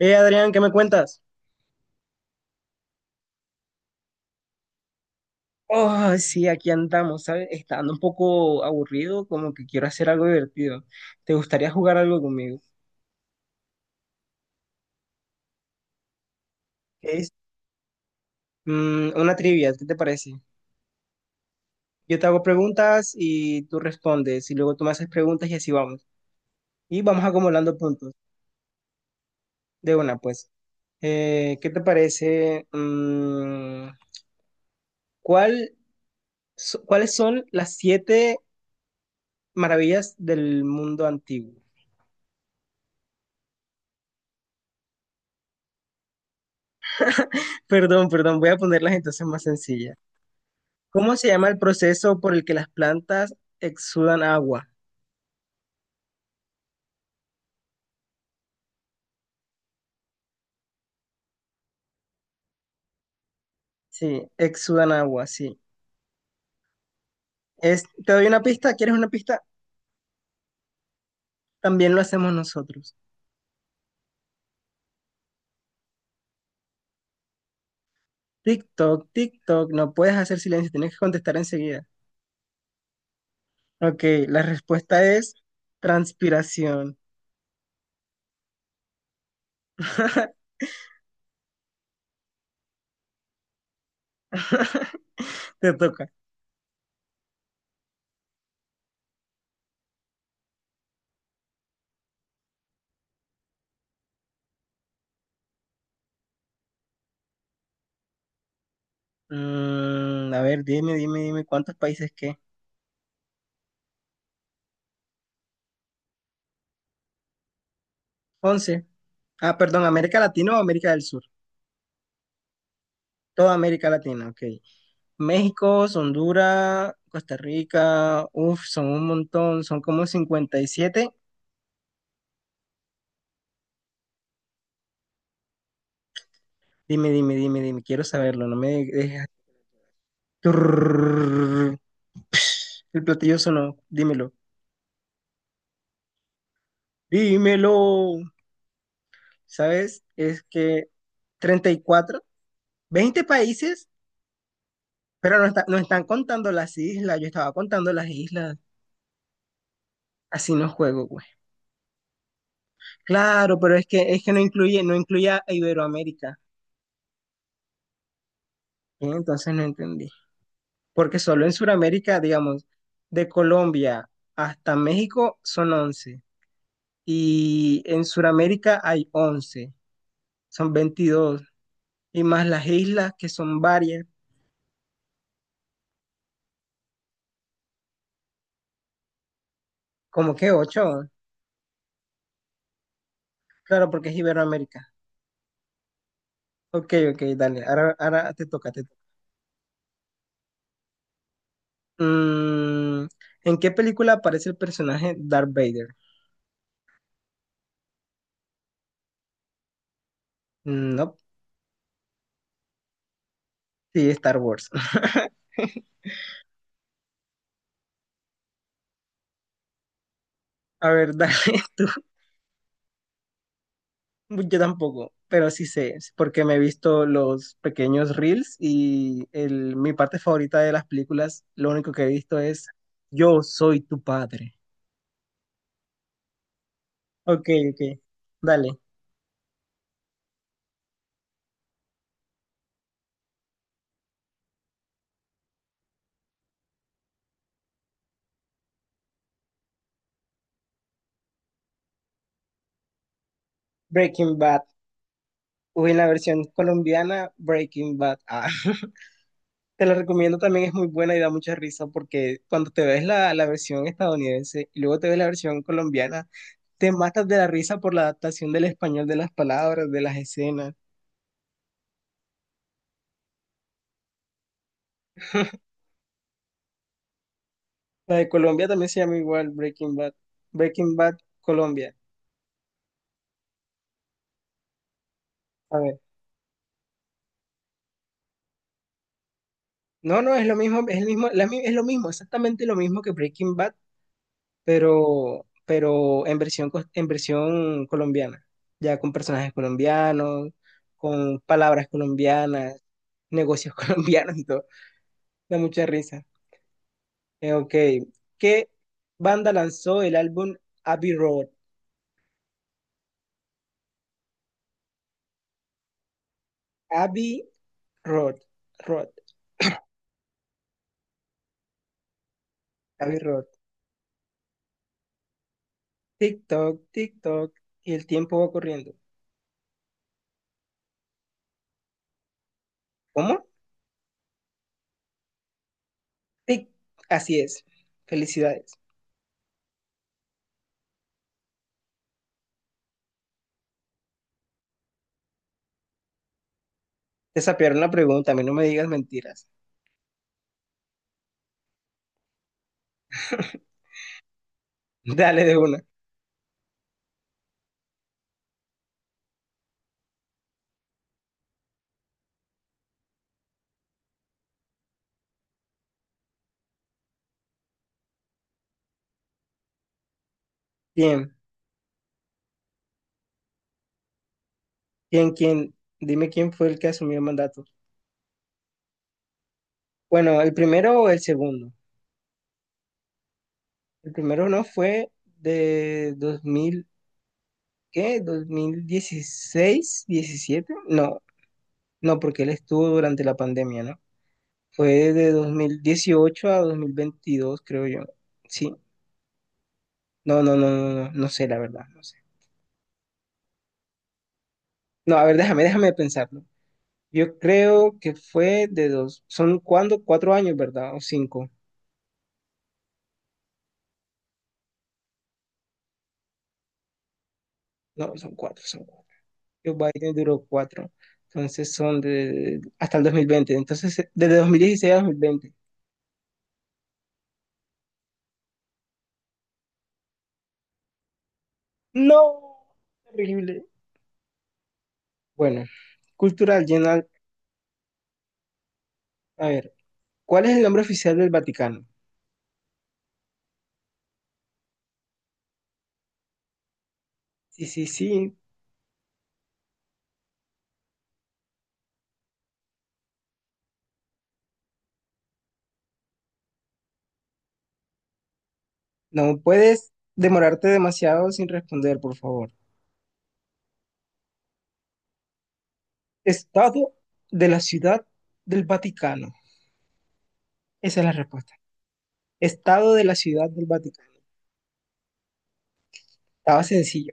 Adrián, ¿qué me cuentas? Oh, sí, aquí andamos, ¿sabes? Está dando un poco aburrido, como que quiero hacer algo divertido. ¿Te gustaría jugar algo conmigo? ¿Qué es? Mm, una trivia, ¿qué te parece? Yo te hago preguntas y tú respondes, y luego tú me haces preguntas y así vamos. Y vamos acumulando puntos de una, pues. ¿Qué te parece? ¿Cuál, ¿Cuáles son las 7 maravillas del mundo antiguo? Perdón, perdón, voy a ponerlas entonces más sencillas. ¿Cómo se llama el proceso por el que las plantas exudan agua? Sí, exudan agua, sí. Es, te doy una pista, ¿quieres una pista? También lo hacemos nosotros. TikTok, TikTok, no puedes hacer silencio, tienes que contestar enseguida. Ok, la respuesta es transpiración. Te toca. Mm, a ver, dime, ¿cuántos países qué? Once. Ah, perdón, ¿América Latina o América del Sur? Toda América Latina, ok. México, Honduras, Costa Rica, uff, son un montón, son como 57. Dime, quiero saberlo, no me dejes. Turrrrrr. El platillo sonó, dímelo. ¿Sabes? Es que 34, 20 países, pero no, no están contando las islas, yo estaba contando las islas. Así no juego, güey. Claro, pero es que no incluye, no incluye a Iberoamérica. ¿Eh? Entonces no entendí. Porque solo en Sudamérica, digamos, de Colombia hasta México son 11 y en Sudamérica hay 11, son 22 y más las islas que son varias, como que ocho, claro, porque es Iberoamérica. Ok, ok, dale, ahora te toca, te toca. Mm, ¿en qué película aparece el personaje Darth Vader? Mm, no, sí, Star Wars. A ver, dale. Yo tampoco, pero sí sé, sí, porque me he visto los pequeños reels y mi parte favorita de las películas, lo único que he visto es: yo soy tu padre. Ok, ok, dale. Breaking Bad. Uy, en la versión colombiana, Breaking Bad. Ah, te la recomiendo también, es muy buena y da mucha risa porque cuando te ves la versión estadounidense y luego te ves la versión colombiana, te matas de la risa por la adaptación del español de las palabras, de las escenas. La de Colombia también se llama igual Breaking Bad. Breaking Bad Colombia. A ver. No, no, es lo mismo, es el mismo, es lo mismo, exactamente lo mismo que Breaking Bad, pero en en versión colombiana. Ya con personajes colombianos, con palabras colombianas, negocios colombianos y todo. Da mucha risa. Ok. ¿Qué banda lanzó el álbum Abbey Road? Abbey Road. Road. Abbey Road. Tic-toc, tic-toc, y el tiempo va corriendo. ¿Cómo? Tic. Así es. Felicidades. Te sapearon la pregunta, a mí no me digas mentiras. Dale de una. ¿Quién? ¿Quién? ¿Quién? Dime quién fue el que asumió el mandato. Bueno, ¿el primero o el segundo? El primero, ¿no fue de 2000 qué? 2016, 17. No, no, porque él estuvo durante la pandemia, ¿no? Fue de 2018 a 2022, creo yo. Sí. No, no, no, no, no, no sé la verdad. No sé. No, a ver, déjame, déjame pensarlo. Yo creo que fue de dos. ¿Son cuándo? 4 años, ¿verdad? O cinco. No, son cuatro, son cuatro. Joe Biden duró cuatro. Entonces son de hasta el 2020. Entonces, desde 2016 a 2020. No, terrible. Bueno, cultural general. A ver, ¿cuál es el nombre oficial del Vaticano? Sí, sí, sí. No puedes demorarte demasiado sin responder, por favor. Estado de la Ciudad del Vaticano. Esa es la respuesta. Estado de la Ciudad del Vaticano. Estaba sencillo.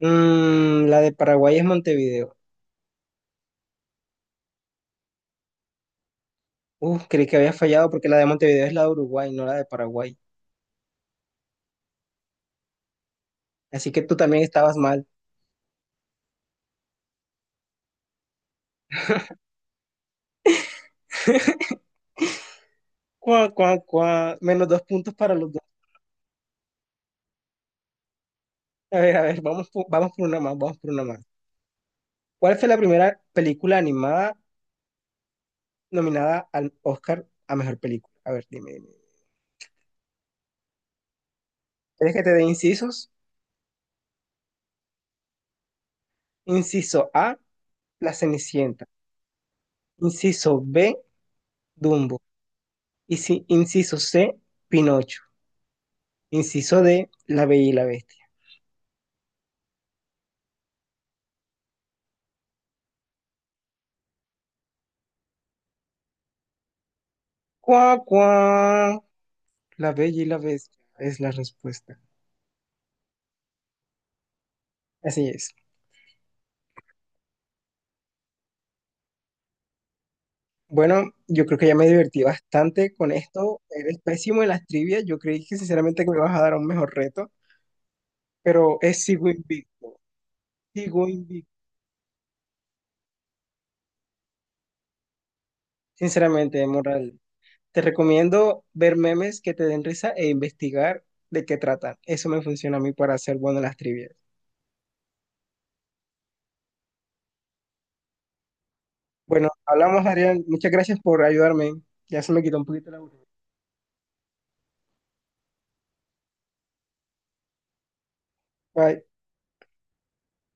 Mm, la de Paraguay es Montevideo. Uf, creí que había fallado porque la de Montevideo es la de Uruguay, no la de Paraguay. Así que tú también estabas mal. Cuá, cuá, cuá. Menos dos puntos para los dos. A ver, vamos por una más, vamos por una más. ¿Cuál fue la primera película animada nominada al Oscar a mejor película? A ver, dime, dime. ¿Quieres que te dé incisos? Inciso A, La Cenicienta. Inciso B, Dumbo. Y si, inciso C, Pinocho. Inciso D, La Bella y la Bestia. Cuá, cuá. La Bella y la Bestia es la respuesta. Así es. Bueno, yo creo que ya me divertí bastante con esto. Eres pésimo en las trivias. Yo creí que sinceramente que me vas a dar un mejor reto, pero es sigo invicto. Sigo invicto. Sinceramente, moral. Te recomiendo ver memes que te den risa e investigar de qué tratan. Eso me funciona a mí para ser bueno en las trivias. Bueno, hablamos, Ariel. Muchas gracias por ayudarme. Ya se me quitó un poquito la aburrimiento. Bye.